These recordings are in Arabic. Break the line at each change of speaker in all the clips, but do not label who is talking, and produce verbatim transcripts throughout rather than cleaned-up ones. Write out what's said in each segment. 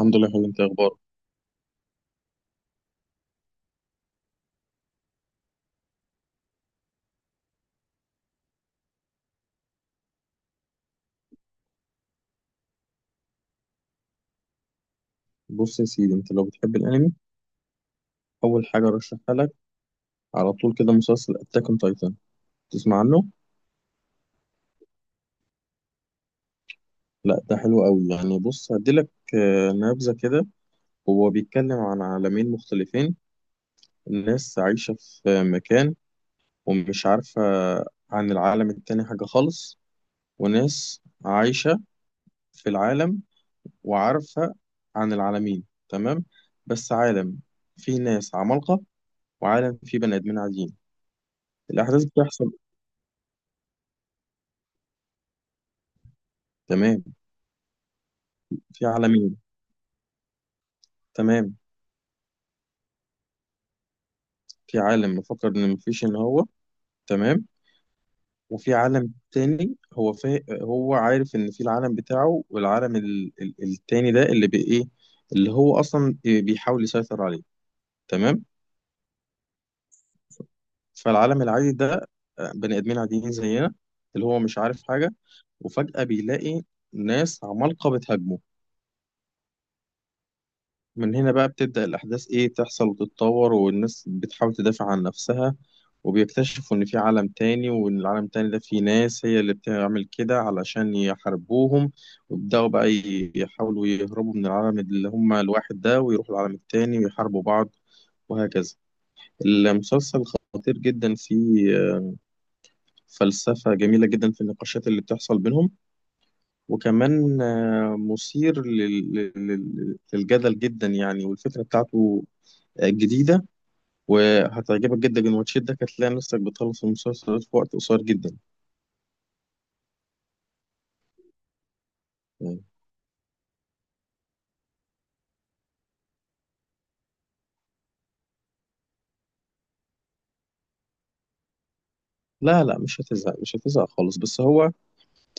الحمد لله يا حبيبي، انت إيه اخبارك؟ بص يا سيدي، انت لو بتحب الانمي، اول حاجه ارشحها لك على طول كده مسلسل اتاك اون تايتان. تسمع عنه؟ لا، ده حلو قوي يعني. بص هديلك آه، نبذه كده. هو بيتكلم عن عالمين مختلفين. الناس عايشه في مكان ومش عارفه عن العالم التاني حاجه خالص، وناس عايشه في العالم وعارفه عن العالمين. تمام. بس عالم فيه ناس عمالقه وعالم فيه بني ادمين عاديين. الاحداث بتحصل. تمام. في عالمين. تمام. في عالم مفكر ان مفيش ان هو. تمام. وفي عالم تاني هو فا... هو عارف ان في العالم بتاعه، والعالم ال... ال... التاني ده اللي بي... ايه اللي هو اصلا بيحاول يسيطر عليه. تمام. فالعالم العادي ده آه، بني ادمين عاديين زينا، اللي هو مش عارف حاجة، وفجأة بيلاقي ناس عمالقة بتهاجمه. من هنا بقى بتبدأ الأحداث إيه تحصل وتتطور، والناس بتحاول تدافع عن نفسها، وبيكتشفوا إن في عالم تاني وإن العالم التاني ده فيه ناس هي اللي بتعمل كده علشان يحاربوهم. ويبدأوا بقى ي- يحاولوا يهربوا من العالم اللي هم الواحد ده ويروحوا العالم التاني ويحاربوا بعض، وهكذا. المسلسل خطير جدا، فيه فلسفة جميلة جدا في النقاشات اللي بتحصل بينهم، وكمان آه، مثير لل- لل- لل- للجدل جدا يعني، والفكرة بتاعته جديدة، وهتعجبك جدا الماتشات. ده هتلاقي نفسك بتخلص المسلسل في وقت قصير جدا يعني. لا، لا، مش هتزهق مش هتزهق خالص. بس هو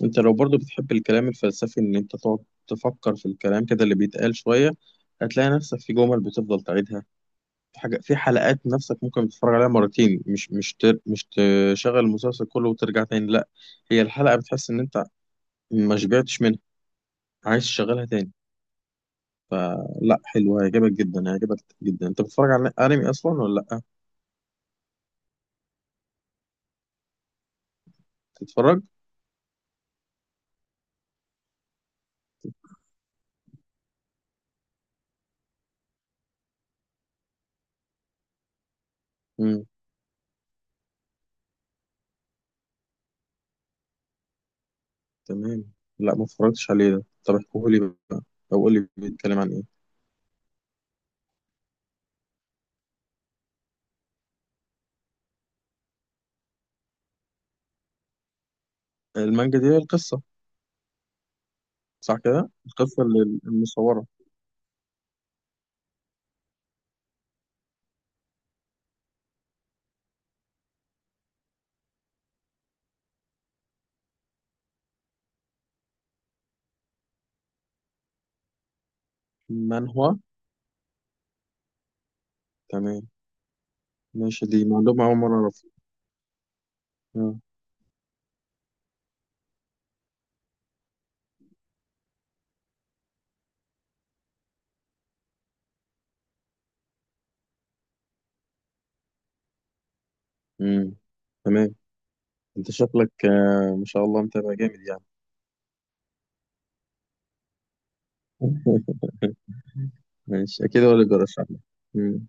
انت لو برضو بتحب الكلام الفلسفي ان انت تقعد تفكر في الكلام كده اللي بيتقال شوية، هتلاقي نفسك في جمل بتفضل تعيدها. في حاجة، في حلقات نفسك ممكن تتفرج عليها مرتين، مش مش تر مش تشغل المسلسل كله وترجع تاني، لا. هي الحلقة بتحس ان انت ما شبعتش منها، عايز تشغلها تاني. لا، حلوة، هيعجبك جدا هيعجبك جدا. انت بتتفرج على انمي اصلا ولا لا؟ بتتفرج؟ امم. تمام. لا، ما اتفرجتش عليه ده، طب احكوه لي بقى، او قول لي بيتكلم عن ايه. المانجا دي هي القصه؟ صح كده، القصه اللي المصوره. منهوا؟ تمام، ماشي، دي معلومه اول مره اعرفها. آه. امم. تمام. انت شكلك آه، ما شاء الله متابع جامد يعني. ماشي، اكيد هو اللي بيرشح لي. امم.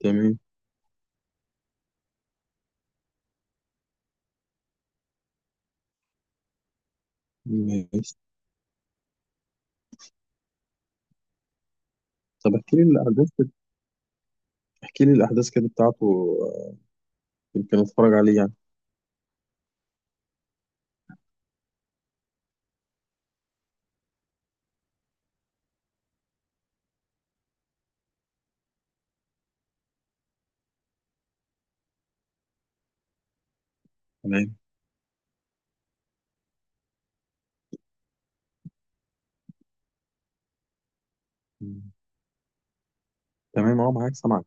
تمام. ماشي، طب احكي لي الاحداث، احكي لي الاحداث كده بتاعته، آه، يمكن اتفرج عليه يعني. تمام. مم. تمام، اه، معاك سامعك.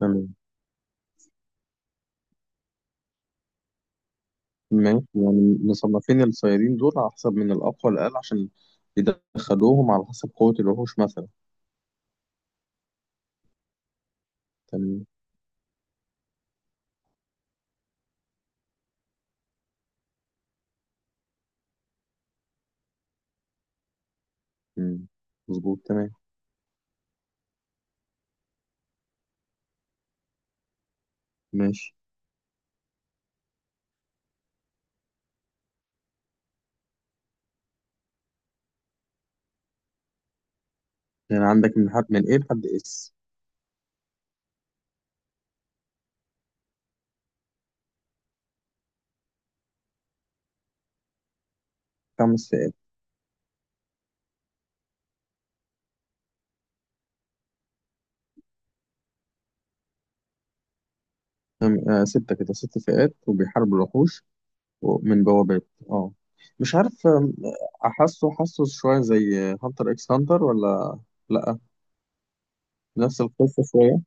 اتفضل. ماشي، يعني مصنفين الصيادين دول على حسب من الأقوى للأقل، عشان يدخلوهم على حسب قوة الوحوش مثلا. تمام. مم. مظبوط. تمام. ماشي. يعني عندك من حد من إيه لحد إس؟ خمس فئات. تمام. آه، ستة كده، ست فئات، وبيحاربوا الوحوش و- من بوابات. اه، مش عارف، آم، أحسه حاسه شوية زي هانتر إكس هانتر، ولا؟ لأ، نفس القصة شوية.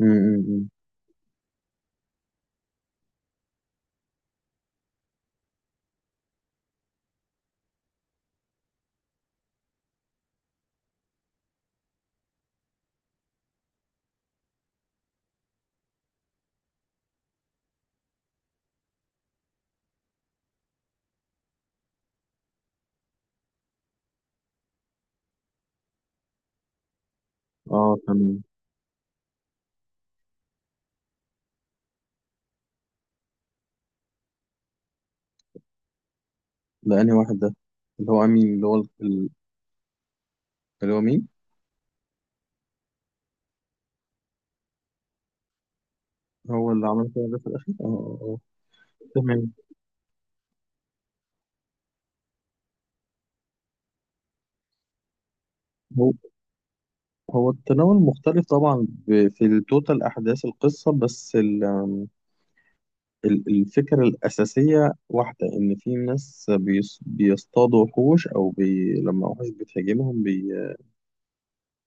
مم، مم، مم. اه، تمام. ده أنهي واحد ده؟ اللي هو أمين، اللي هو ال- اللي هو مين؟ هو اللي عمل كده ده في الأخير؟ اه، اه، آه. تمام. هو هو التناول مختلف طبعا، ب- في توتال أحداث القصة، بس ال- ال- الفكرة الأساسية واحدة، إن في ناس بيص- بيصطادوا وحوش، أو بي لما وحوش بتهاجمهم بي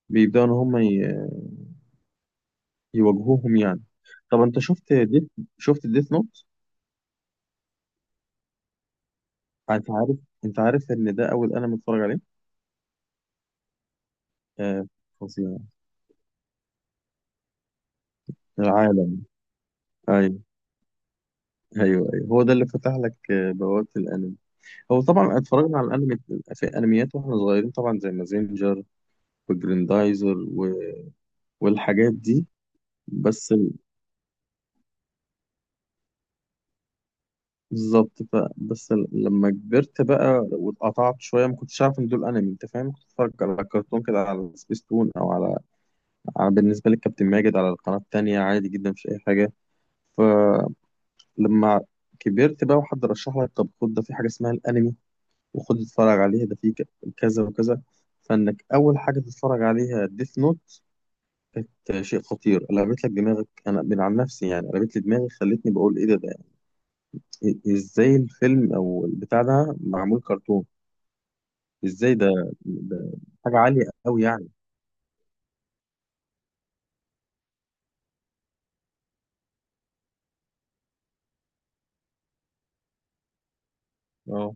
بيبدأوا إن هم ي- يواجهوهم يعني. طب أنت شفت ديث شفت ديث نوت؟ أنت عارف أنت عارف إن ده أول أنا متفرج عليه؟ آه، فظيع. العالم. أيوه، أيوه، أيوه، هو ده اللي فتح لك آه، بوابة الأنمي. هو طبعا اتفرجنا على الانمي. في انميات واحنا صغيرين طبعا، زي مازينجر وجريندايزر و... والحاجات دي. بس ال- بالظبط ف... بس ال- لما كبرت بقى واتقطعت شويه، ما كنتش عارف ان دول انمي انت فاهم. كنت اتفرج على كرتون كده، على سبيس تون او على... على، بالنسبه للكابتن ماجد، على القناه التانيه عادي جدا، مش اي حاجه. فلما كبرت بقى وحد رشح لك، طب خد ده في حاجه اسمها الانمي، وخد اتفرج عليها ده في ك- كذا وكذا. فانك اول حاجه تتفرج عليها ديث نوت، آه، شيء خطير، قلبت لك دماغك. انا من عن نفسي يعني قلبت لي دماغي، خلتني بقول ايه ده ده إيه- إيه، ازاي الفيلم او البتاع ده معمول كرتون؟ ازاي ده, ده حاجه عاليه قوي يعني. اه.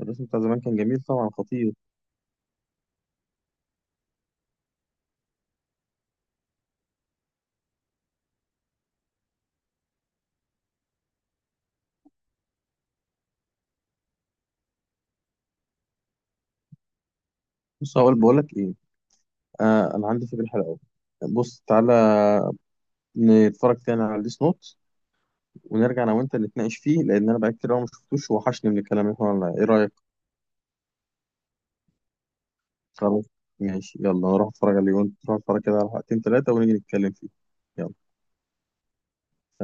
الرسم بتاع زمان كان جميل طبعا، خطير. بص، هقول بقول لك ايه. آه، انا عندي فكره حلوه قوي. بص تعالى، نتفرج تاني على ديس نوت، ونرجع انا وانت نتناقش فيه، لان انا بقى كتير قوي ما شفتوش، وحشني من الكلام اللي احنا قلناه. ايه رايك؟ خلاص، ماشي، يلا نروح اتفرج عليه، وانت تروح اتفرج كده على حلقتين ثلاثه، ونيجي نتكلم فيه. يلا.